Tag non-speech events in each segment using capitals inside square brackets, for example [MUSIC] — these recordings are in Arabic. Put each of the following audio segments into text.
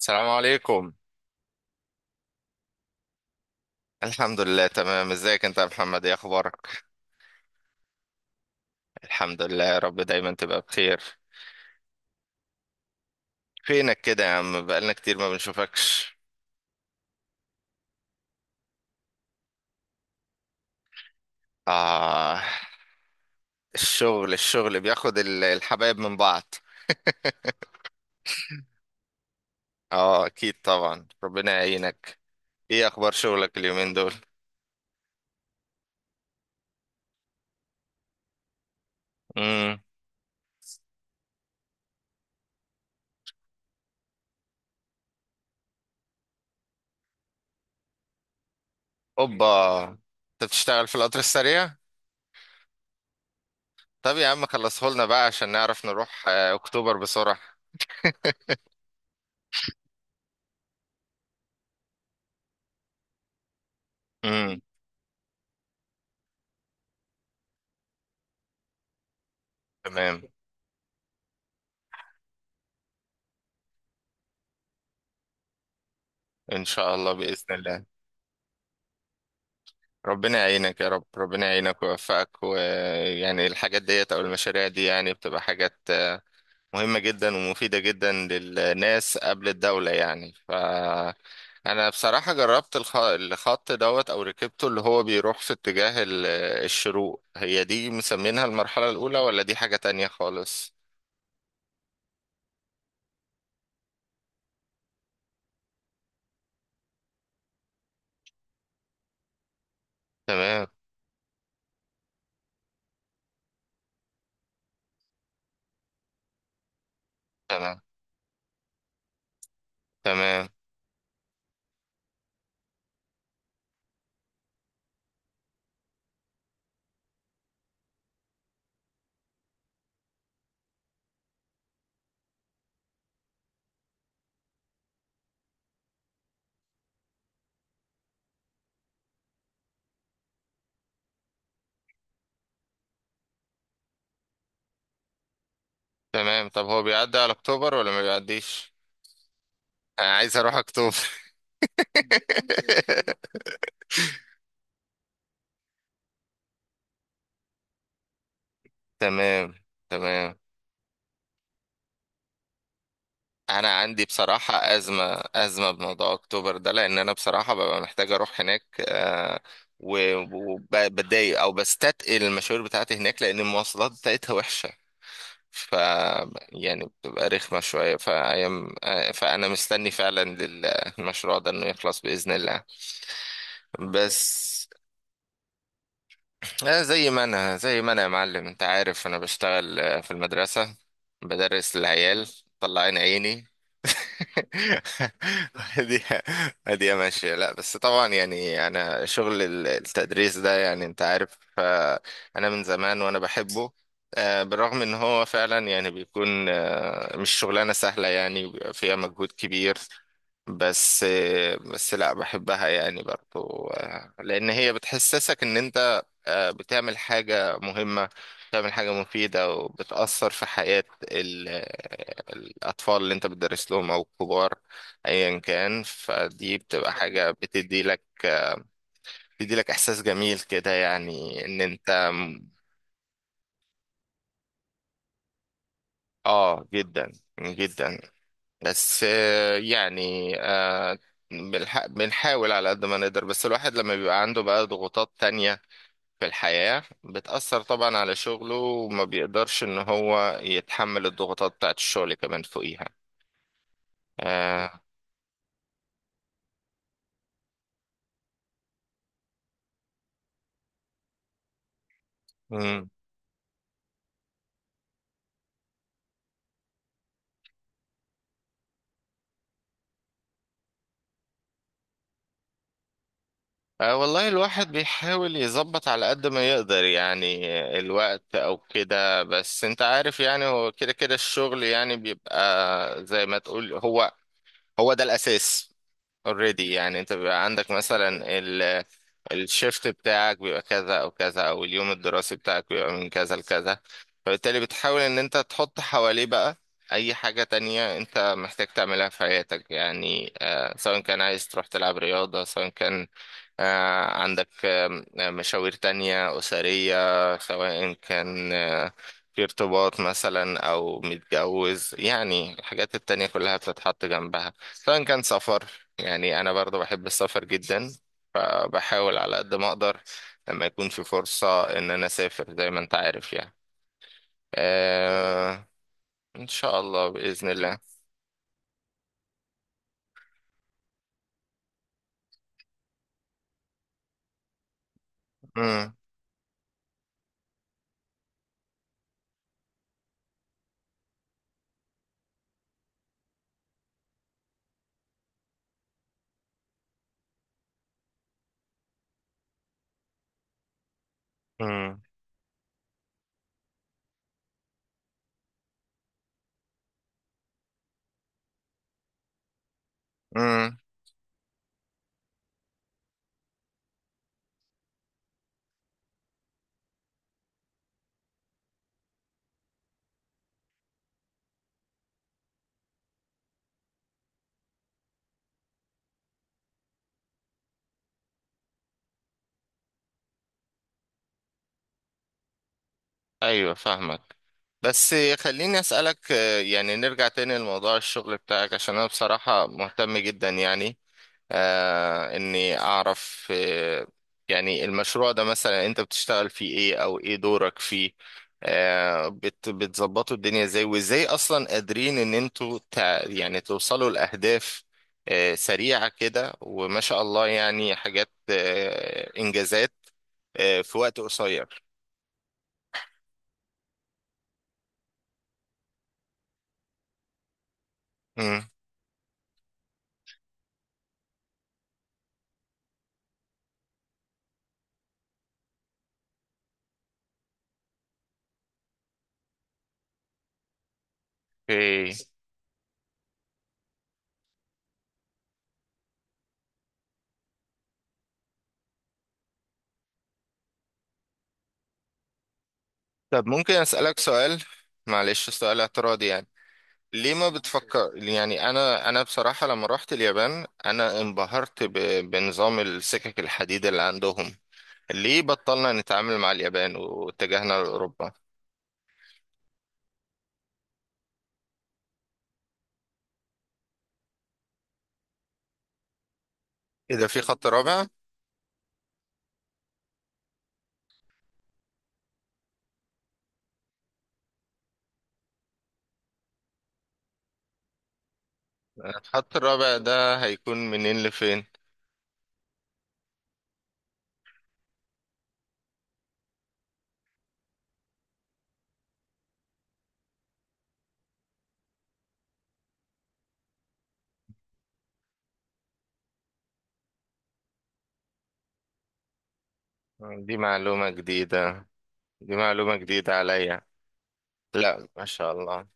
السلام عليكم. الحمد لله تمام، ازيك انت يا محمد؟ ايه اخبارك؟ الحمد لله يا رب، دايما تبقى بخير. فينك كده يا عم؟ بقالنا كتير ما بنشوفكش. اه، الشغل بياخد الحبايب من بعض. اه اكيد طبعا، ربنا يعينك. ايه اخبار شغلك اليومين دول؟ امم اوبا، انت بتشتغل في القطر السريع؟ طب يا عم، خلصه لنا بقى عشان نعرف نروح اكتوبر بسرعة. [LAUGHS] امم. تمام، ان شاء الله باذن الله. ربنا يعينك يا رب، ربنا يعينك ويوفقك، ويعني الحاجات ديت او المشاريع دي يعني بتبقى حاجات مهمة جدا ومفيدة جدا للناس قبل الدولة يعني ف انا بصراحة جربت الخط دوت، او ركبته اللي هو بيروح في اتجاه الشروق. هي دي مسمينها المرحلة الاولى، ولا دي حاجة تانية خالص؟ تمام، تمام، تمام، تمام. طب هو بيعدي على اكتوبر ولا ما بيعديش؟ انا عايز اروح اكتوبر. [LAUGHS] تمام. تمام. انا عندي بصراحة ازمة، ازمة بموضوع اكتوبر ده، لان انا بصراحة ببقى محتاج اروح هناك. آه، و- وبتضايق او بستثقل المشاوير بتاعتي هناك، لان المواصلات بتاعتها وحشة. ف يعني بتبقى رخمة شوية فأيام. فأنا مستني فعلا للمشروع ده إنه يخلص بإذن الله. بس لا، زي ما انا يا معلم، انت عارف انا بشتغل في المدرسة. بدرس العيال. طلعين عيني. [LAUGHS] دي، دي ماشية. لا بس طبعا يعني انا شغل التدريس ده يعني انت عارف. انا من زمان وانا بحبه. بالرغم ان هو فعلا يعني بيكون مش شغلانة سهلة، يعني بيبقى فيها مجهود كبير. بس. بس لا بحبها يعني برضو، لأن هي بتحسسك إن أنت بتعمل حاجة مهمة. بتعمل حاجة مفيدة، وبتأثر في حياة ال- الأطفال اللي أنت بتدرس لهم أو الكبار، أيا كان. فدي بتبقى حاجة بتدي لك، بتدي لك إحساس جميل كده، يعني إن أنت آه جدا. جدا. بس يعني بنحاول على قد ما نقدر. بس الواحد لما بيبقى عنده بقى ضغوطات تانية في الحياة بتأثر طبعا على شغله، وما بيقدرش ان هو يتحمل الضغوطات بتاعت الشغل كمان فوقيها. آه. مم. آه والله، الواحد بيحاول يظبط على قد ما يقدر، يعني الوقت او كده. بس انت عارف، يعني هو كده كده الشغل يعني بيبقى زي ما تقول هو، هو ده الأساس. already يعني انت بيبقى عندك مثلا الشيفت بتاعك بيبقى كذا او كذا، او اليوم الدراسي بتاعك بيبقى من كذا لكذا. فبالتالي بتحاول ان انت تحط حواليه بقى اي حاجة تانية انت محتاج تعملها في حياتك، يعني آه سواء كان عايز تروح تلعب رياضة، سواء كان آه عندك مشاوير تانية أسرية، سواء كان آه في ارتباط مثلا أو متجوز. يعني الحاجات التانية كلها بتتحط جنبها، سواء كان سفر. يعني أنا برضه بحب السفر جدا، فبحاول على قد ما أقدر لما يكون في فرصة إن أنا أسافر، زي ما أنت عارف يعني. آه. إن شاء الله بإذن الله. مم. مم. مم. أيوة فاهمك. بس خليني أسألك، يعني نرجع تاني لموضوع الشغل بتاعك، عشان أنا بصراحة مهتم جدا يعني آه اني اعرف آه. يعني المشروع ده مثلا انت بتشتغل فيه ايه؟ او ايه دورك فيه؟ آه بتظبطوا الدنيا ازاي؟ وازاي اصلا قادرين ان انتوا يعني توصلوا لاهداف آه سريعة كده، وما شاء الله يعني حاجات آه انجازات آه في وقت قصير؟ مم. اوكي. طب ممكن اسألك سؤال؟ معلش سؤال اعتراضي يعني. ليه ما بتفكر، يعني انا بصراحه لما رحت اليابان انا انبهرت بنظام السكك الحديد اللي عندهم. ليه بطلنا نتعامل مع اليابان واتجهنا لاوروبا؟ اذا في خط رابع؟ الخط الرابع ده هيكون منين لفين؟ دي معلومه جديده. دي معلومه جديده عليا. لا ما شاء الله.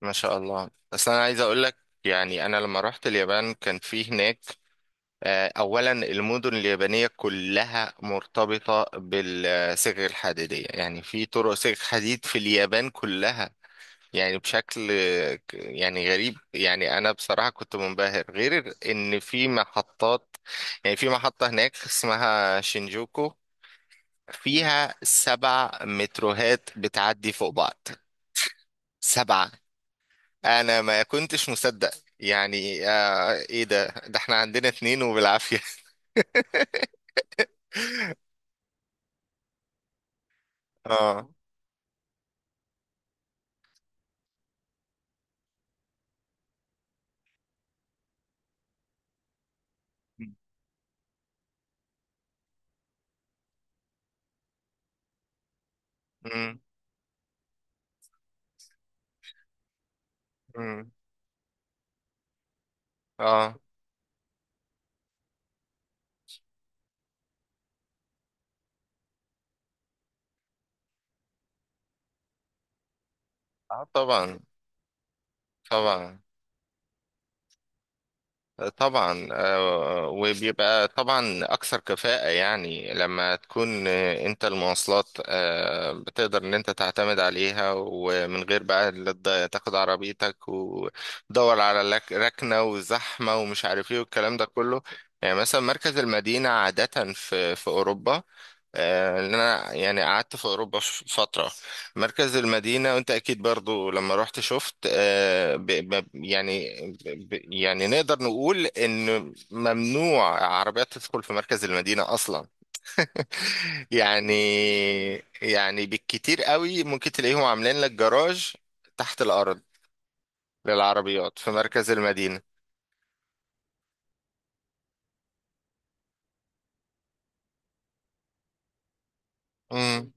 ما شاء الله، بس انا عايز اقول لك، يعني انا لما رحت اليابان كان في هناك أولا المدن اليابانية كلها مرتبطة بالصاغ الحديدية، يعني في طرق صاغ حديد في اليابان كلها. يعني بشكل يعني غريب، يعني أنا بصراحة كنت منبهر. غير إن في محطات، يعني في محطة هناك اسمها شينجوكو فيها سبع متروهات بتعدي فوق بعض. 7. أنا ما كنتش مصدق. يعني آه إيه ده؟ إحنا عندنا 2 وبالعافية. [LAUGHS] آه. مم. اه، اه، طبعا. طبعا. طبعا. آه وبيبقى طبعا اكثر كفاءة، يعني لما تكون انت المواصلات آه بتقدر ان انت تعتمد عليها، ومن غير بقى لا تاخد عربيتك وتدور على ركنة وزحمة ومش عارف ايه والكلام ده كله. يعني مثلا مركز المدينة عادة في اوروبا، لأن انا يعني قعدت في اوروبا فتره. مركز المدينة، وانت اكيد برضو لما رحت شفت. يعني يعني نقدر نقول ان ممنوع عربيات تدخل في مركز المدينة اصلا. [LAUGHS] يعني، يعني بالكتير قوي ممكن تلاقيهم عاملين لك جراج تحت الارض للعربيات في مركز المدينة. مم.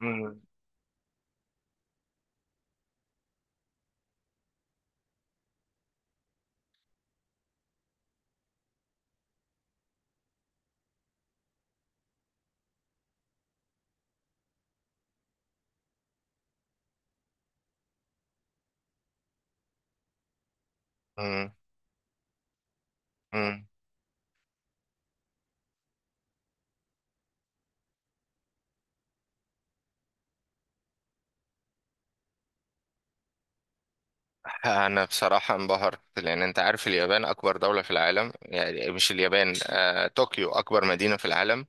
مم. مم. مم. انا بصراحة انبهرت، لان انت عارف اليابان اكبر دولة في العالم، يعني مش اليابان، طوكيو اكبر مدينة في العالم،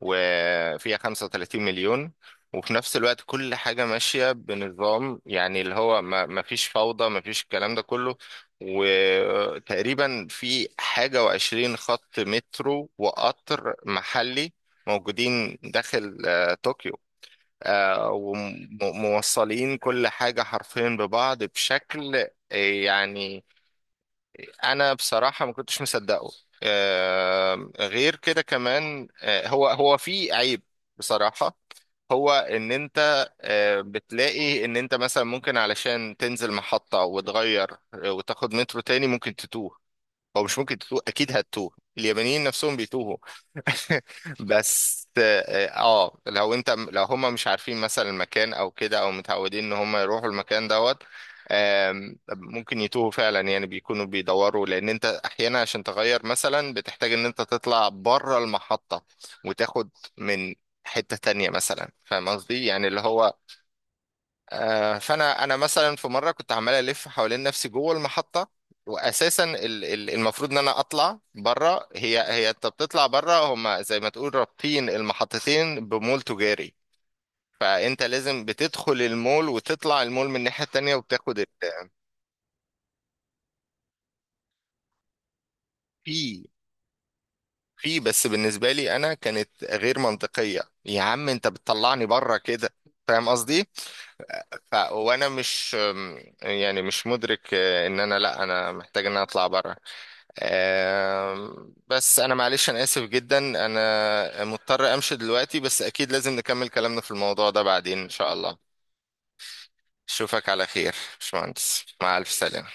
وفيها 35 مليون. وفي نفس الوقت كل حاجة ماشية بنظام، يعني اللي هو ما فيش فوضى، ما فيش الكلام ده كله. وتقريبا في حاجة وعشرين خط مترو وقطر محلي موجودين داخل طوكيو، آه، وموصلين كل حاجة حرفيا ببعض بشكل يعني. انا بصراحه ما كنتش مصدقه. غير كده كمان، هو في عيب بصراحه. هو ان انت بتلاقي ان انت مثلا ممكن علشان تنزل محطه وتغير وتاخد مترو تاني ممكن تتوه. هو مش ممكن تتوه، اكيد هتتوه، اليابانيين نفسهم بيتوهوا. [LAUGHS] بس اه، لو هم مش عارفين مثلا المكان او كده، او متعودين ان هم يروحوا المكان دوت. ممكن يتوهوا فعلا، يعني بيكونوا بيدوروا، لان انت احيانا عشان تغير مثلا بتحتاج ان انت تطلع بره المحطة وتاخد من حتة تانية مثلا. فاهم قصدي يعني، اللي هو فانا مثلا في مره كنت عمال الف حوالين نفسي جوه المحطه، واساسا المفروض ان انا اطلع بره. هي انت بتطلع بره، هما زي ما تقول رابطين المحطتين بمول تجاري، فانت لازم بتدخل المول وتطلع المول من الناحيه التانيه وبتاخد في في بس بالنسبه لي انا كانت غير منطقيه، يا عم انت بتطلعني بره كده. فاهم قصدي؟ ف وانا مش، يعني مش مدرك ان انا، لا انا محتاج ان انا اطلع بره. بس انا معلش انا اسف جدا، انا مضطر امشي دلوقتي، بس اكيد لازم نكمل كلامنا في الموضوع ده بعدين ان شاء الله. اشوفك على خير باشمهندس، مع الف سلامة.